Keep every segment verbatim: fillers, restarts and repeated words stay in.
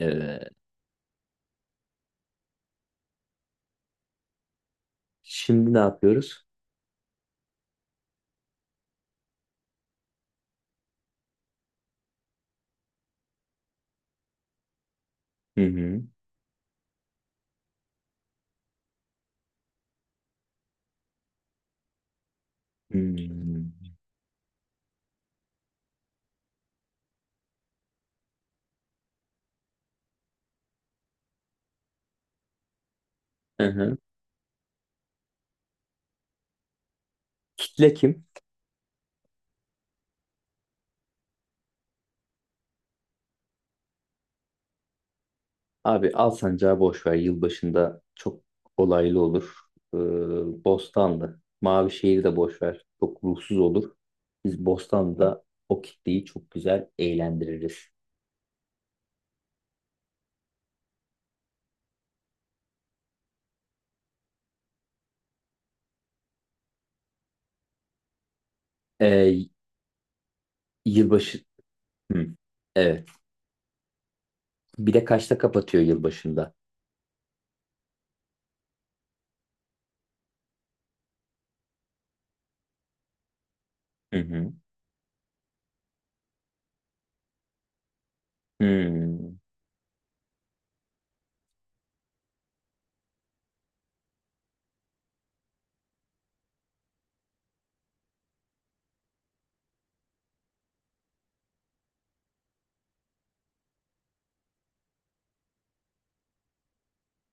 Ee, Şimdi ne yapıyoruz? Hı hı. Hmm. Hı hı. Kitle kim? Abi Alsancak'ı boş ver. Yılbaşında çok olaylı olur. Ee, Bostanlı. Mavişehir'i de boş ver. Çok ruhsuz olur. Biz Bostanlı'da o kitleyi çok güzel eğlendiririz. Ee, Yılbaşı... Hı. Evet. Bir de kaçta kapatıyor yılbaşında? Hı hı. Hmm.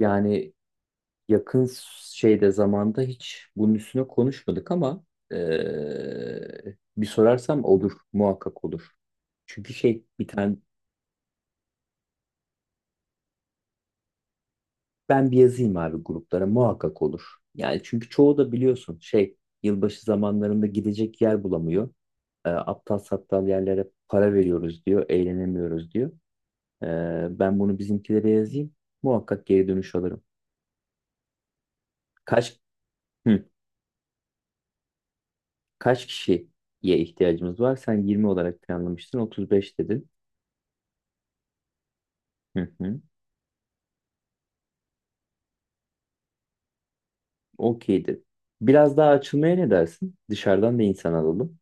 Yani yakın şeyde zamanda hiç bunun üstüne konuşmadık ama eee, bir sorarsam olur, muhakkak olur. Çünkü şey bir tane ben bir yazayım abi gruplara muhakkak olur. Yani çünkü çoğu da biliyorsun şey yılbaşı zamanlarında gidecek yer bulamıyor. Eee, aptal saptal yerlere para veriyoruz diyor, eğlenemiyoruz diyor. Eee, ben bunu bizimkilere yazayım. Muhakkak geri dönüş alırım. Kaç hı, kaç kişiye ihtiyacımız var? Sen yirmi olarak planlamıştın, otuz beş dedin. Hı hı. Okeydir. Biraz daha açılmaya ne dersin? Dışarıdan da insan alalım.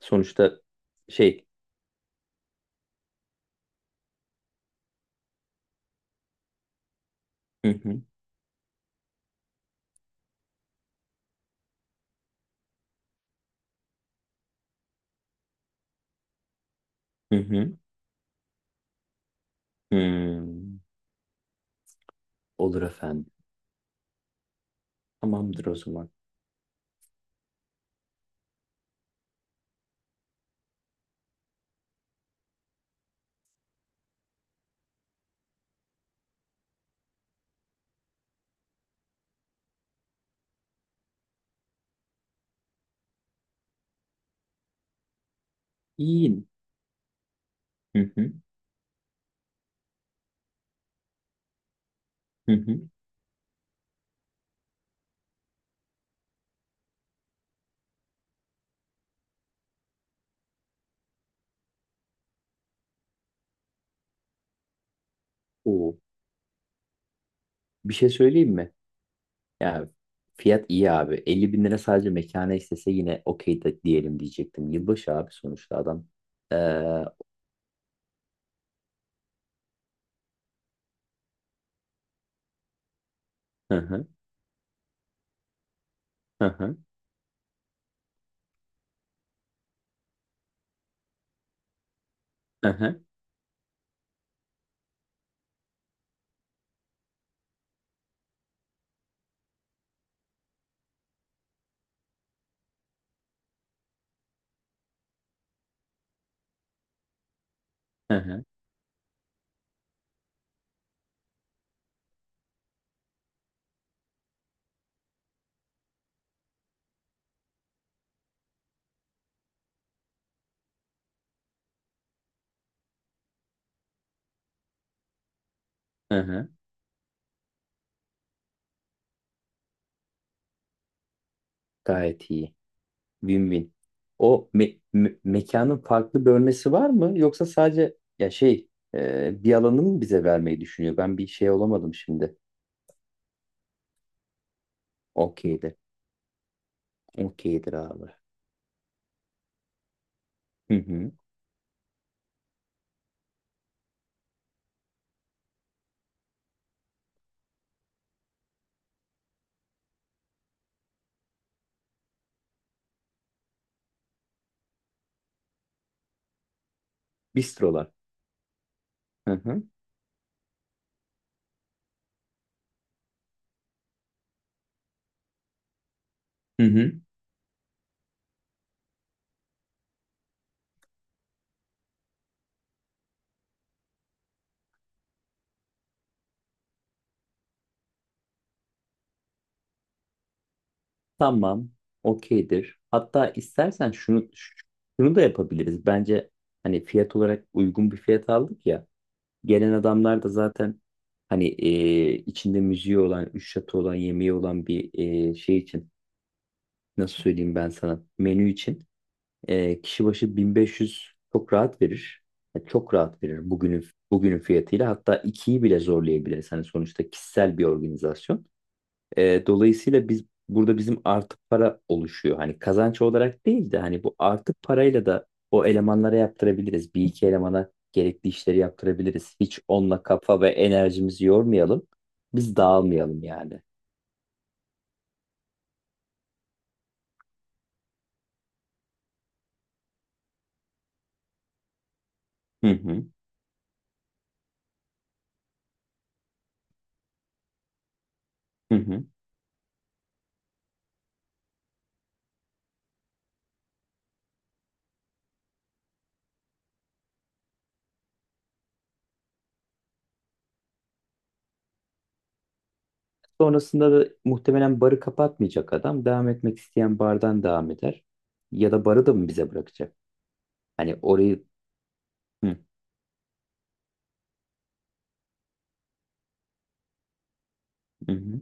Sonuçta şey. Hı hı. Hı hı. Hmm. Olur efendim. Tamamdır o zaman. İyi. Hı hı. Hı hı. Oo. Bir şey söyleyeyim mi? Ya fiyat iyi abi. Elli bin lira sadece mekana istese yine okey de diyelim diyecektim. Yılbaşı abi sonuçta adam. Ee, hı hı. Hı hı. Hı hı. Hı hı. Hı hı. Gayet iyi. Win-win. O me- me- mekanın farklı bölmesi var mı? Yoksa sadece ya şey e, bir alanı mı bize vermeyi düşünüyor? Ben bir şey olamadım şimdi. Okeydir. Okeydir abi. Hı hı. Bistrolar. Hı hı. Hı hı. Tamam. Okeydir. Hatta istersen şunu şunu da yapabiliriz. Bence hani fiyat olarak uygun bir fiyat aldık ya. Gelen adamlar da zaten hani e, içinde müziği olan, üç şatı olan, yemeği olan bir e, şey için nasıl söyleyeyim ben sana menü için e, kişi başı bin beş yüz çok rahat verir. Yani çok rahat verir bugünün bugünün fiyatıyla hatta ikiyi bile zorlayabilir. Hani sonuçta kişisel bir organizasyon. E, dolayısıyla biz burada bizim artı para oluşuyor. Hani kazanç olarak değil de hani bu artı parayla da o elemanlara yaptırabiliriz. Bir iki elemana gerekli işleri yaptırabiliriz. Hiç onunla kafa ve enerjimizi yormayalım. Biz dağılmayalım yani. Hı hı. Hı hı. Sonrasında da muhtemelen barı kapatmayacak adam. Devam etmek isteyen bardan devam eder. Ya da barı da mı bize bırakacak? Hani orayı... Hı, hı, hı,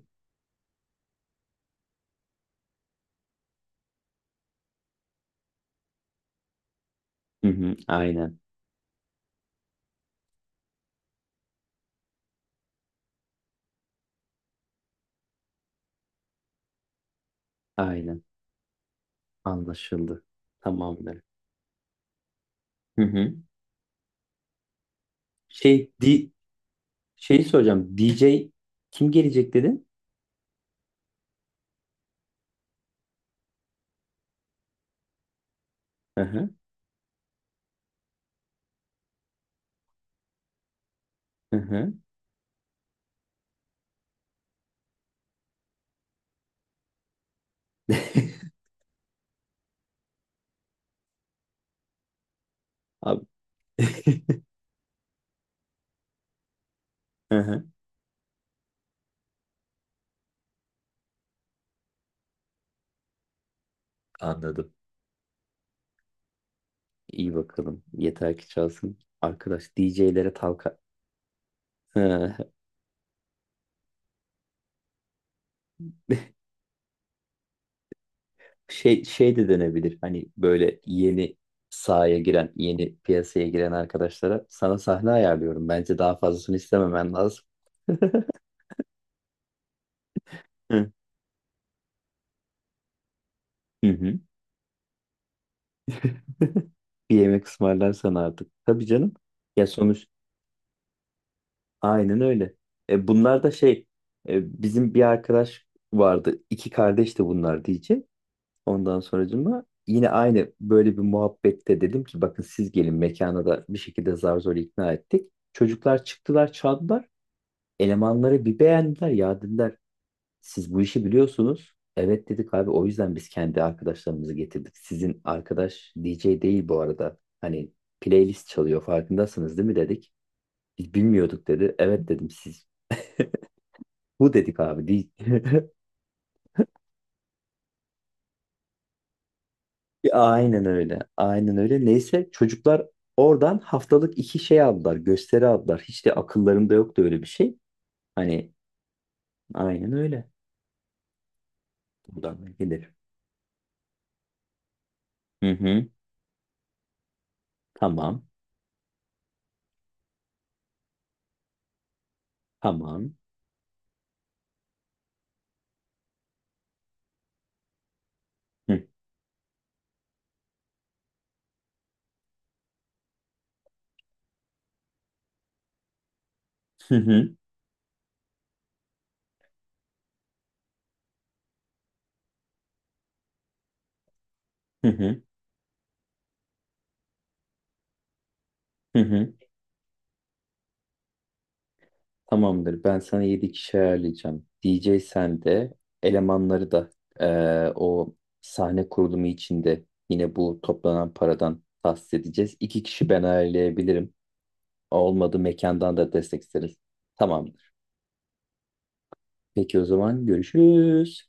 hı, hı. Aynen, aynen. Anlaşıldı. Tamamdır. Hı hı. Şey, di, şeyi soracağım. D J kim gelecek dedin? Hı hı, hı hı. Abi, hı hı. Anladım. İyi bakalım. Yeter ki çalsın. Arkadaş D J'lere talka... Şey, şey de denebilir. Hani böyle yeni sahaya giren, yeni piyasaya giren arkadaşlara sana sahne ayarlıyorum. Bence daha fazlasını istememen lazım. Hı. Hı hı. Bir yemek ısmarlar sana artık. Tabii canım. Ya sonuç aynen öyle. E, bunlar da şey e, bizim bir arkadaş vardı. İki kardeş de bunlar diyecek. Ondan sonracığıma yine aynı böyle bir muhabbette dedim ki bakın siz gelin mekana da bir şekilde zar zor ikna ettik. Çocuklar çıktılar çaldılar. Elemanları bir beğendiler ya dediler siz bu işi biliyorsunuz. Evet dedik abi o yüzden biz kendi arkadaşlarımızı getirdik. Sizin arkadaş D J değil bu arada. Hani playlist çalıyor farkındasınız değil mi dedik. Biz bilmiyorduk dedi. Evet dedim siz bu dedik abi değil. Ya, aynen öyle. Aynen öyle. Neyse çocuklar oradan haftalık iki şey aldılar. Gösteri aldılar. Hiç de akıllarında yoktu öyle bir şey. Hani aynen öyle. Buradan da gelir. Hı hı. Tamam. Tamam. Hı hı. Hı. Hı hı, hı hı. Tamamdır. Ben sana yedi kişi ayarlayacağım. D J sen de elemanları da eee, o sahne kurulumu içinde yine bu toplanan paradan tahsis edeceğiz. iki kişi ben ayarlayabilirim. Olmadı mekandan da destek isteriz. Tamamdır. Peki o zaman görüşürüz.